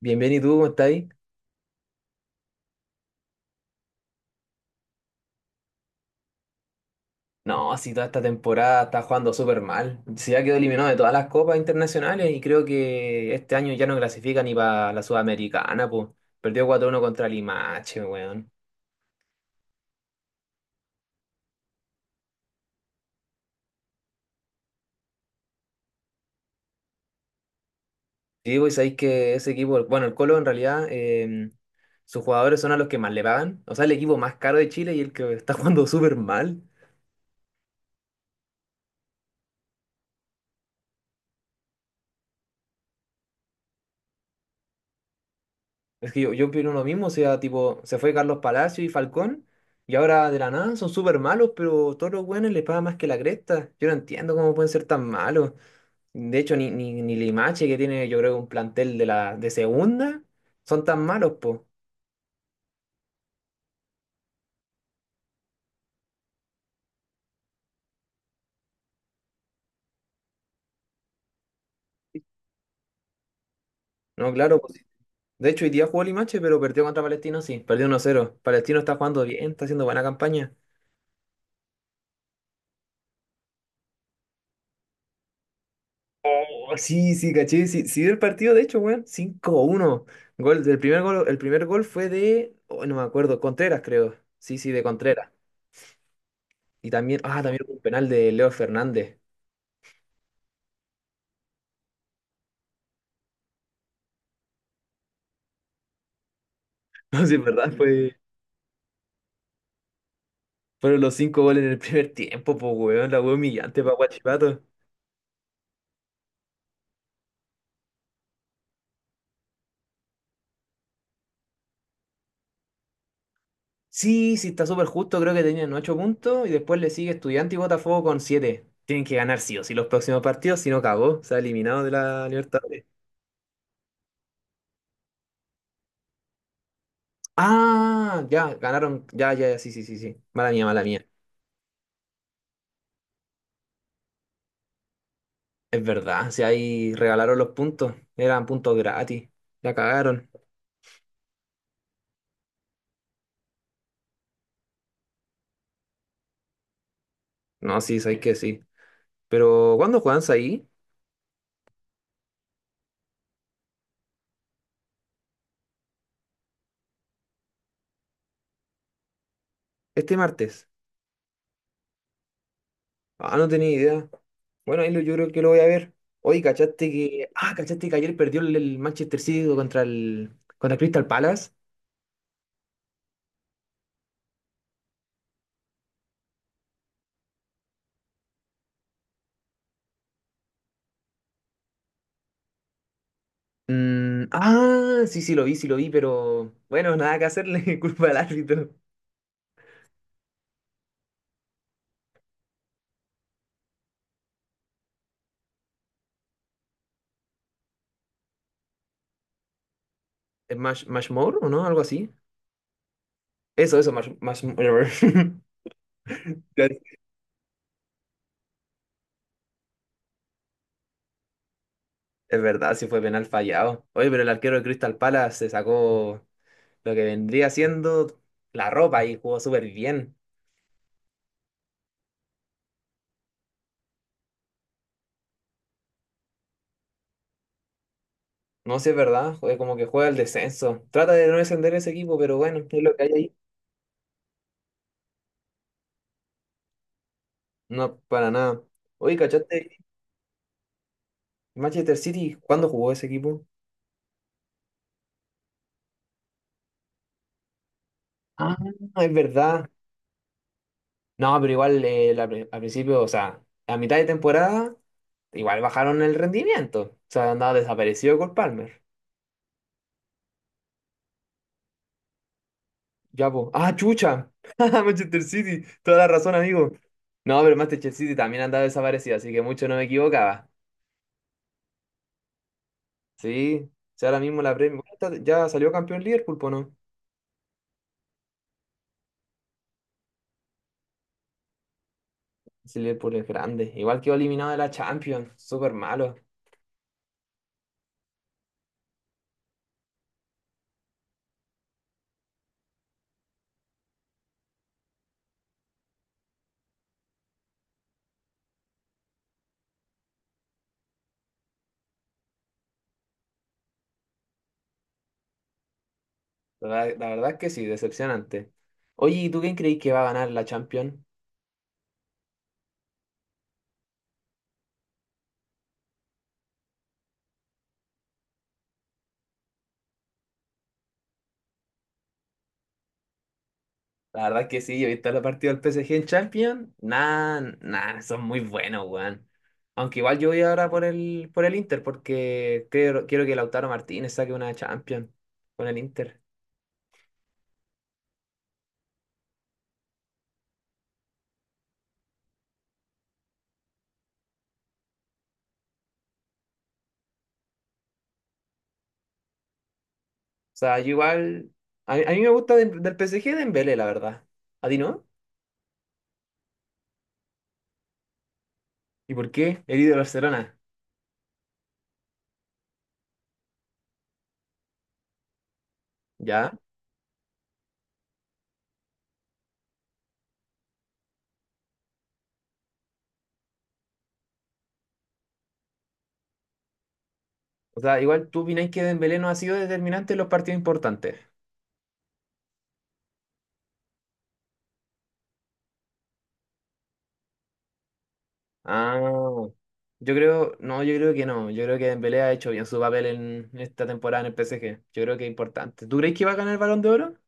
Bien, bien, ¿y tú cómo estás ahí? No, si toda esta temporada está jugando súper mal. Se ya quedó eliminado de todas las copas internacionales y creo que este año ya no clasifica ni para la Sudamericana, pues. Perdió 4-1 contra Limache, weón. Sí, pues sabéis que ese equipo, bueno, el Colo en realidad, sus jugadores son a los que más le pagan. O sea, el equipo más caro de Chile y el que está jugando súper mal. Es que yo opino lo mismo, o sea, tipo, se fue Carlos Palacio y Falcón, y ahora de la nada son súper malos, pero todos los buenos les pagan más que la cresta. Yo no entiendo cómo pueden ser tan malos. De hecho, ni Limache, que tiene, yo creo, un plantel de la de segunda, son tan malos, po. No, claro, pues, de hecho, hoy día jugó Limache, pero perdió contra Palestino, sí, perdió 1-0. Palestino está jugando bien, está haciendo buena campaña. Oh, sí, sí, caché. Sí, sí vi el partido, de hecho, weón. 5-1. Gol, el primer gol fue de. Oh, no me acuerdo. Contreras, creo. Sí, sí, de Contreras. Y también. Ah, también hubo un penal de Leo Fernández. No sé, ¿verdad? Fueron los cinco goles en el primer tiempo, pues, weón. La weón humillante para Guachipato. Sí, sí, está súper justo. Creo que tenían 8 puntos. Y después le sigue Estudiante y Botafogo con siete. Tienen que ganar sí o sí los próximos partidos. Si no, cagó. Se ha eliminado de la Libertadores. Ah, ya, ganaron. Ya, ya, ya, sí, sí, sí, sí. Mala mía, mala mía. Es verdad, si ahí regalaron los puntos, eran puntos gratis, la cagaron. No, sí, sabéis que sí. Pero, ¿cuándo juegan ahí? Este martes. Ah, no tenía idea. Bueno, ahí yo creo que lo voy a ver. Oye, ¿cachaste que. Ah, ¿cachaste que ayer perdió el Manchester City contra el Crystal Palace? Ah, sí, sí, lo vi, sí lo vi. Bueno, nada que hacerle, culpa al árbitro. ¿Es Mashmore o no? Algo así. Eso, Mashmore. Es verdad, sí fue penal fallado. Oye, pero el arquero de Crystal Palace se sacó lo que vendría siendo la ropa y jugó súper bien. No sé, es verdad, como que juega el descenso. Trata de no descender ese equipo, pero bueno, es lo que hay ahí. No, para nada. Oye, ¿cachaste? Manchester City, ¿cuándo jugó ese equipo? Ah, es verdad. No, pero igual al principio, o sea, a mitad de temporada, igual bajaron el rendimiento. O sea, andaba desaparecido con Palmer. Ya, po. Ah, chucha. Manchester City. Toda la razón, amigo. No, pero Manchester City también andaba desaparecido, así que mucho no me equivocaba. Sí. Si ahora mismo la Premier. Bueno, ya salió campeón Liverpool, po, ¿no? Sí, Liverpool es grande. Igual quedó eliminado de la Champions. Súper malo. La verdad es que sí, decepcionante. Oye, ¿y tú quién creís que va a ganar la Champions? La verdad que sí, ahorita los partidos del PSG en Champions, nada, nada, son muy buenos, weón. Aunque igual yo voy ahora por el Inter, porque creo, quiero que Lautaro Martínez saque una Champions con el Inter. O sea, yo igual, a mí me gusta del PSG Dembélé, la verdad. ¿A ti no? ¿Y por qué? El ídolo de Barcelona, ¿ya? O sea, igual tú opináis que Dembélé no ha sido determinante en los partidos importantes. Ah, yo creo, no, yo creo que no. Yo creo que Dembélé ha hecho bien su papel en esta temporada en el PSG. Yo creo que es importante. ¿Tú crees que va a ganar el Balón de Oro?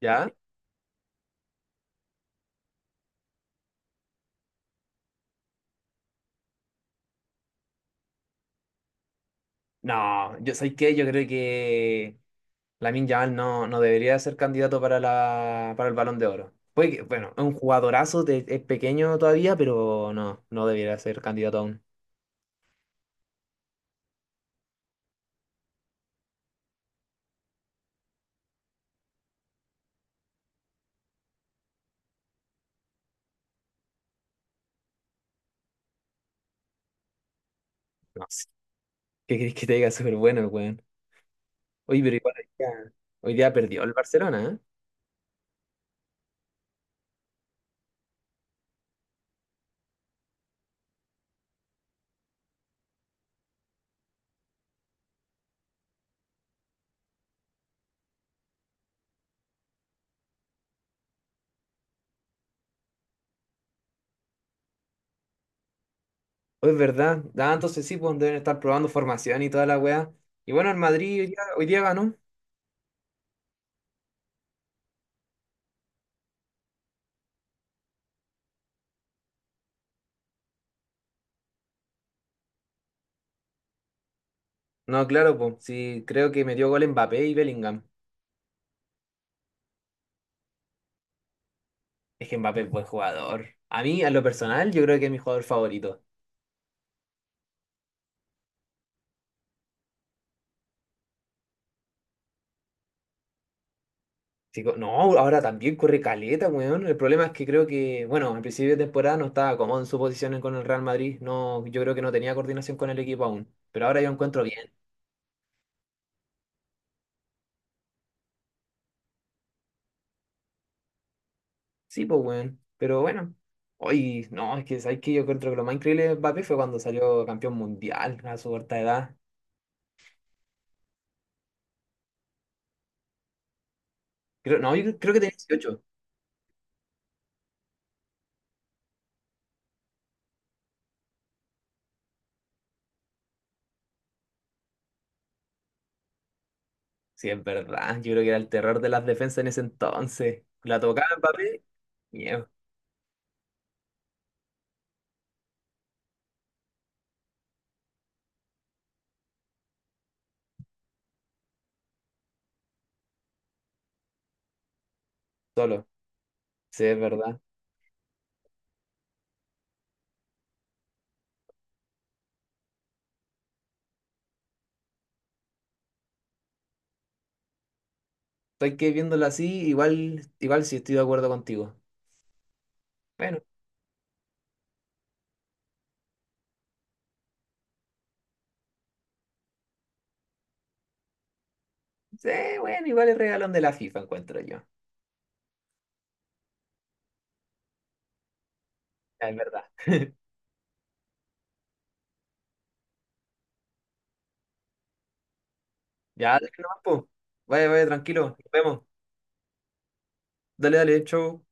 ¿Ya? No, yo ¿sabes qué? Yo creo que Lamine Yamal no, no debería ser candidato para la, para el Balón de Oro. Puede que, bueno, es un jugadorazo, es pequeño todavía, pero no, no debería ser candidato aún. No sé. ¿Qué crees que te diga? Súper bueno el weón. Oye, pero igual hoy día perdió el Barcelona, ¿eh? Oh, es verdad. Ah, entonces sí, pues deben estar probando formación y toda la weá. Y bueno, el Madrid hoy día ganó. No, claro, pues sí, creo que metió gol Mbappé y Bellingham. Es que Mbappé es buen jugador. A mí, a lo personal, yo creo que es mi jugador favorito. Sí, no, ahora también corre caleta, weón. El problema es que creo que, bueno, al principio de temporada no estaba cómodo en su posición con el Real Madrid. No, yo creo que no tenía coordinación con el equipo aún. Pero ahora yo encuentro bien. Sí, pues, weón. Pero bueno. Hoy, no, es que sabes que yo encuentro que lo más increíble de Mbappé fue cuando salió campeón mundial a su corta edad. Creo, no, yo creo que tenía 18. Sí, es verdad. Yo creo que era el terror de las defensas en ese entonces. La tocaba Mbappé, miedo, solo. Sí, es verdad. Estoy que viéndolo así, igual, igual sí estoy de acuerdo contigo. Bueno, sí, bueno, igual el regalón de la FIFA encuentro yo. Ya, es verdad. Ya, dale nomás, po. Vaya, vaya, tranquilo. Nos vemos. Dale, dale, chau.